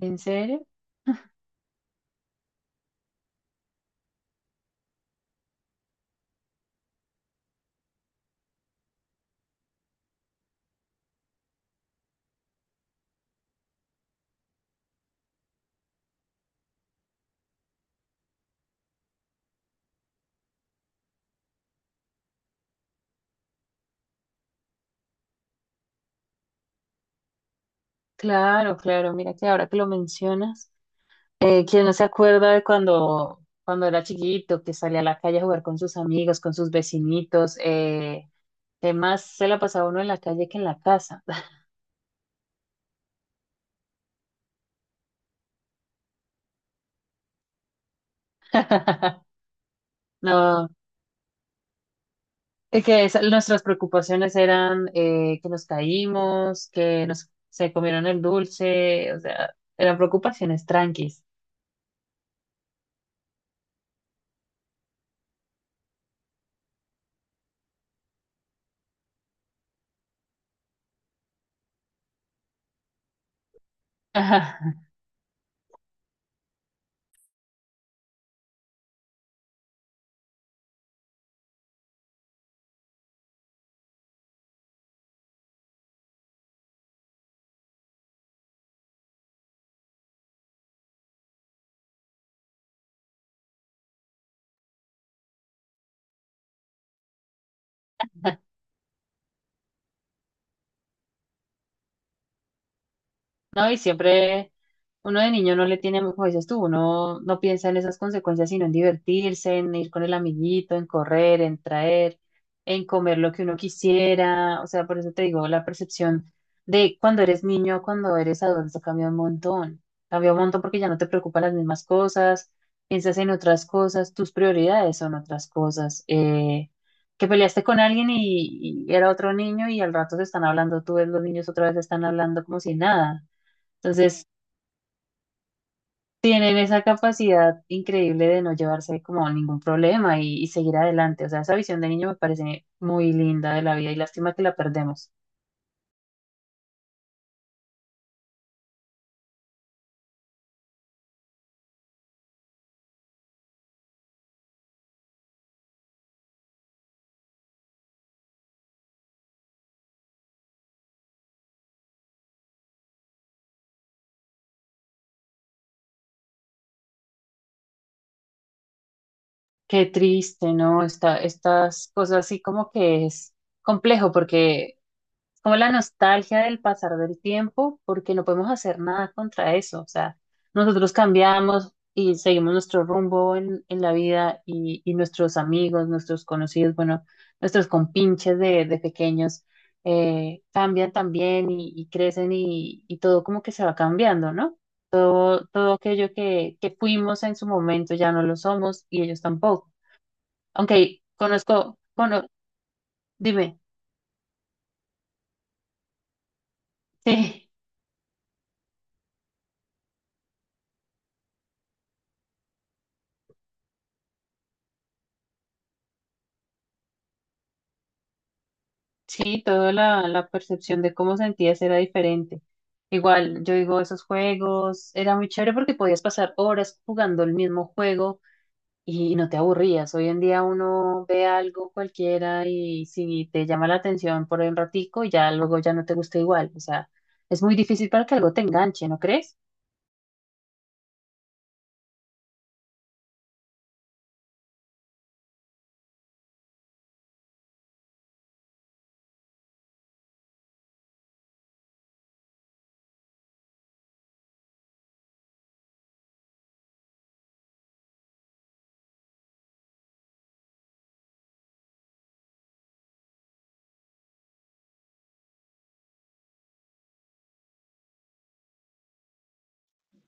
¿En serio? Claro, claro. Mira que ahora que lo mencionas, ¿quién no se acuerda de cuando, cuando era chiquito, que salía a la calle a jugar con sus amigos, con sus vecinitos? Que más se la pasaba uno en la calle que en la casa. No, es que nuestras preocupaciones eran que nos caímos, que nos se comieron el dulce, o sea, eran preocupaciones tranquis. No, y siempre uno de niño no le tiene, como dices tú, uno no piensa en esas consecuencias, sino en divertirse, en ir con el amiguito, en correr, en traer, en comer lo que uno quisiera. O sea, por eso te digo, la percepción de cuando eres niño, cuando eres adulto, cambia un montón. Cambia un montón porque ya no te preocupan las mismas cosas, piensas en otras cosas, tus prioridades son otras cosas. Que peleaste con alguien y era otro niño y al rato se están hablando, tú ves los niños otra vez están hablando como si nada. Entonces, tienen esa capacidad increíble de no llevarse como ningún problema y seguir adelante. O sea, esa visión de niño me parece muy linda de la vida y lástima que la perdemos. Qué triste, ¿no? Esta, estas cosas así como que es complejo porque como la nostalgia del pasar del tiempo, porque no podemos hacer nada contra eso. O sea, nosotros cambiamos y seguimos nuestro rumbo en la vida y nuestros amigos, nuestros conocidos, bueno, nuestros compinches de pequeños cambian también y crecen y todo como que se va cambiando, ¿no? Todo, todo aquello que fuimos en su momento ya no lo somos y ellos tampoco. Aunque dime, sí. Sí, toda la, la percepción de cómo sentías era diferente. Igual, yo digo, esos juegos era muy chévere porque podías pasar horas jugando el mismo juego y no te aburrías. Hoy en día uno ve algo cualquiera y si te llama la atención por un ratico, ya luego ya no te gusta igual. O sea, es muy difícil para que algo te enganche, ¿no crees?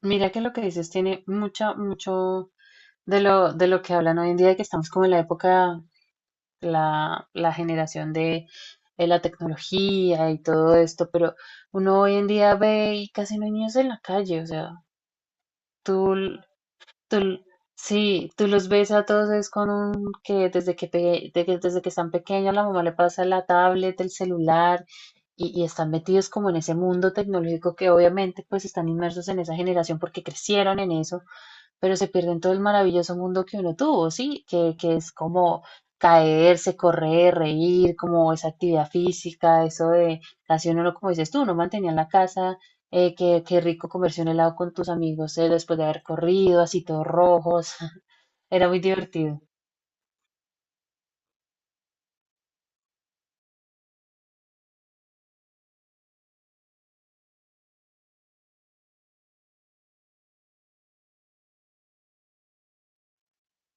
Mira que lo que dices tiene mucho, mucho de lo que hablan hoy en día, de que estamos como en la época la, la generación de la tecnología y todo esto, pero uno hoy en día ve y casi no hay niños en la calle, o sea, tú, tú, sí, tú los ves a todos es con un que desde que, desde que están pequeños la mamá le pasa la tablet, el celular y están metidos como en ese mundo tecnológico que obviamente pues están inmersos en esa generación porque crecieron en eso pero se pierden todo el maravilloso mundo que uno tuvo, ¿sí? Que es como caerse, correr, reír, como esa actividad física, eso de casi uno, como dices tú, no mantenía en la casa, qué, qué rico comerse un helado con tus amigos después de haber corrido, así todos rojos, era muy divertido.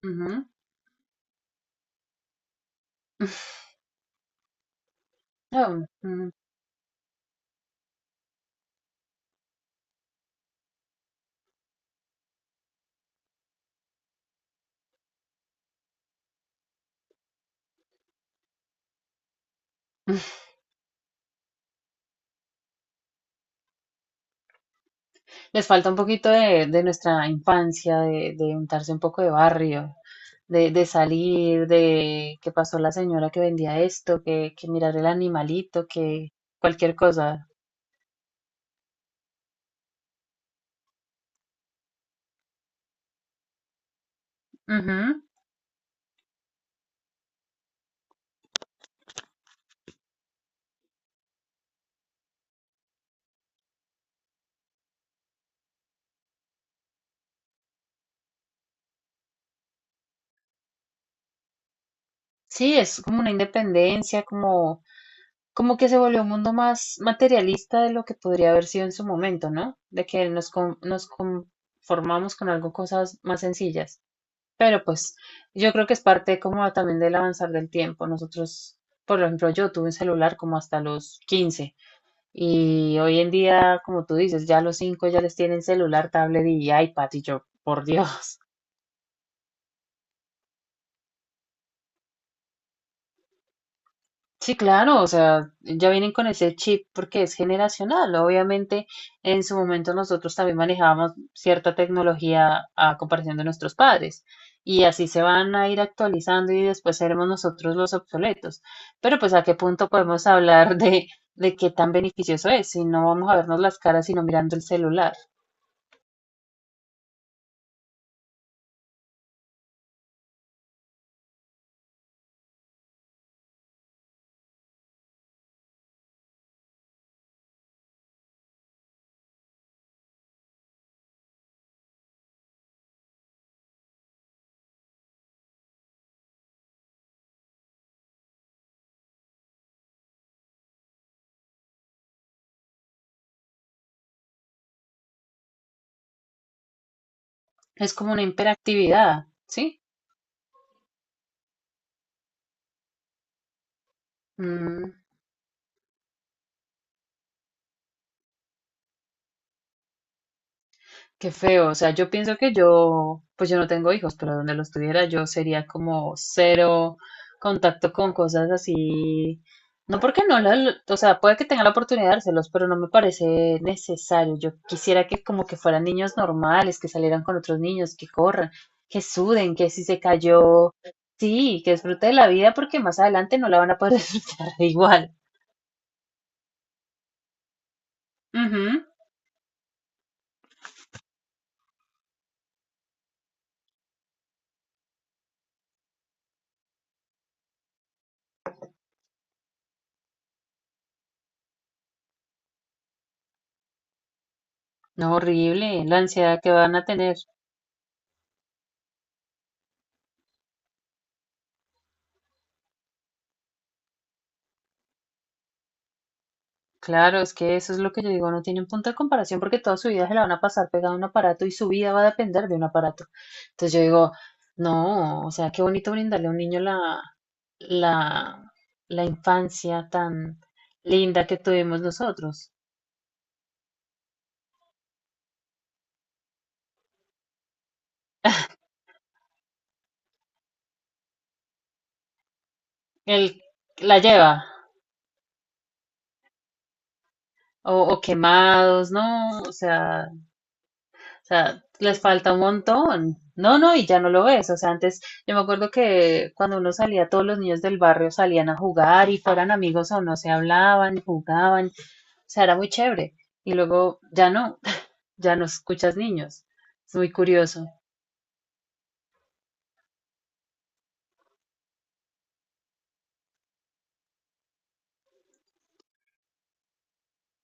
Ujú. Ah, ujú. Les falta un poquito de nuestra infancia, de untarse un poco de barrio, de salir, de qué pasó la señora que vendía esto, que mirar el animalito, que cualquier cosa. Ujú. Sí, es como una independencia, como, como que se volvió un mundo más materialista de lo que podría haber sido en su momento, ¿no? De que nos conformamos con algo, cosas más sencillas. Pero pues yo creo que es parte como también del avanzar del tiempo. Nosotros, por ejemplo, yo tuve un celular como hasta los 15 y hoy en día, como tú dices, ya los 5 ya les tienen celular, tablet y iPad y yo, por Dios. Sí, claro, o sea, ya vienen con ese chip porque es generacional. Obviamente, en su momento nosotros también manejábamos cierta tecnología a comparación de nuestros padres y así se van a ir actualizando y después seremos nosotros los obsoletos. Pero pues a qué punto podemos hablar de qué tan beneficioso es si no vamos a vernos las caras sino mirando el celular. Es como una hiperactividad, ¿sí? Mm, Qué feo, o sea, yo pienso que yo, pues yo no tengo hijos, pero donde los tuviera yo sería como cero contacto con cosas así. No porque no, o sea, puede que tenga la oportunidad de dárselos, pero no me parece necesario. Yo quisiera que como que fueran niños normales, que salieran con otros niños, que corran, que suden, que si se cayó, sí, que disfrute de la vida porque más adelante no la van a poder disfrutar igual. Ujú. No, horrible, la ansiedad que van a tener. Claro, es que eso es lo que yo digo, no tienen punto de comparación porque toda su vida se la van a pasar pegada a un aparato y su vida va a depender de un aparato. Entonces yo digo, no, o sea, qué bonito brindarle a un niño la, la, la infancia tan linda que tuvimos nosotros. Él la lleva, o quemados, ¿no? O sea, o sea, les falta un montón. No, no, y ya no lo ves. O sea, antes yo me acuerdo que cuando uno salía, todos los niños del barrio salían a jugar y fueran amigos o no, se hablaban, jugaban. O sea, era muy chévere. Y luego ya no, ya no escuchas niños. Es muy curioso.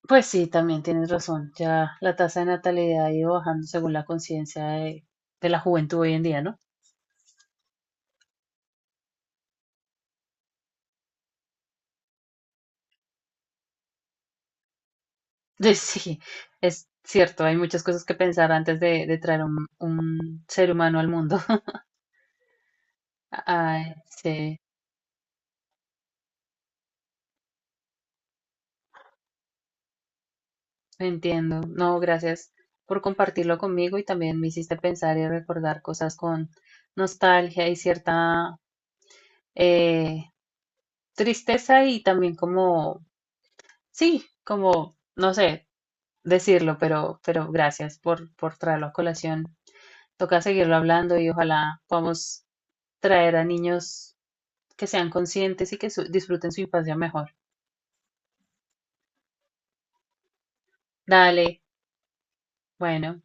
Pues sí, también tienes razón. Ya la tasa de natalidad ha ido bajando según la conciencia de la juventud hoy en día, ¿no? Sí, es cierto. Hay muchas cosas que pensar antes de traer un ser humano al mundo. Ay, sí, entiendo. No, gracias por compartirlo conmigo y también me hiciste pensar y recordar cosas con nostalgia y cierta eh, tristeza y también como, sí, como, no sé decirlo, pero gracias por traerlo a colación. Toca seguirlo hablando y ojalá podamos traer a niños que sean conscientes y que disfruten su infancia mejor. Dale, bueno.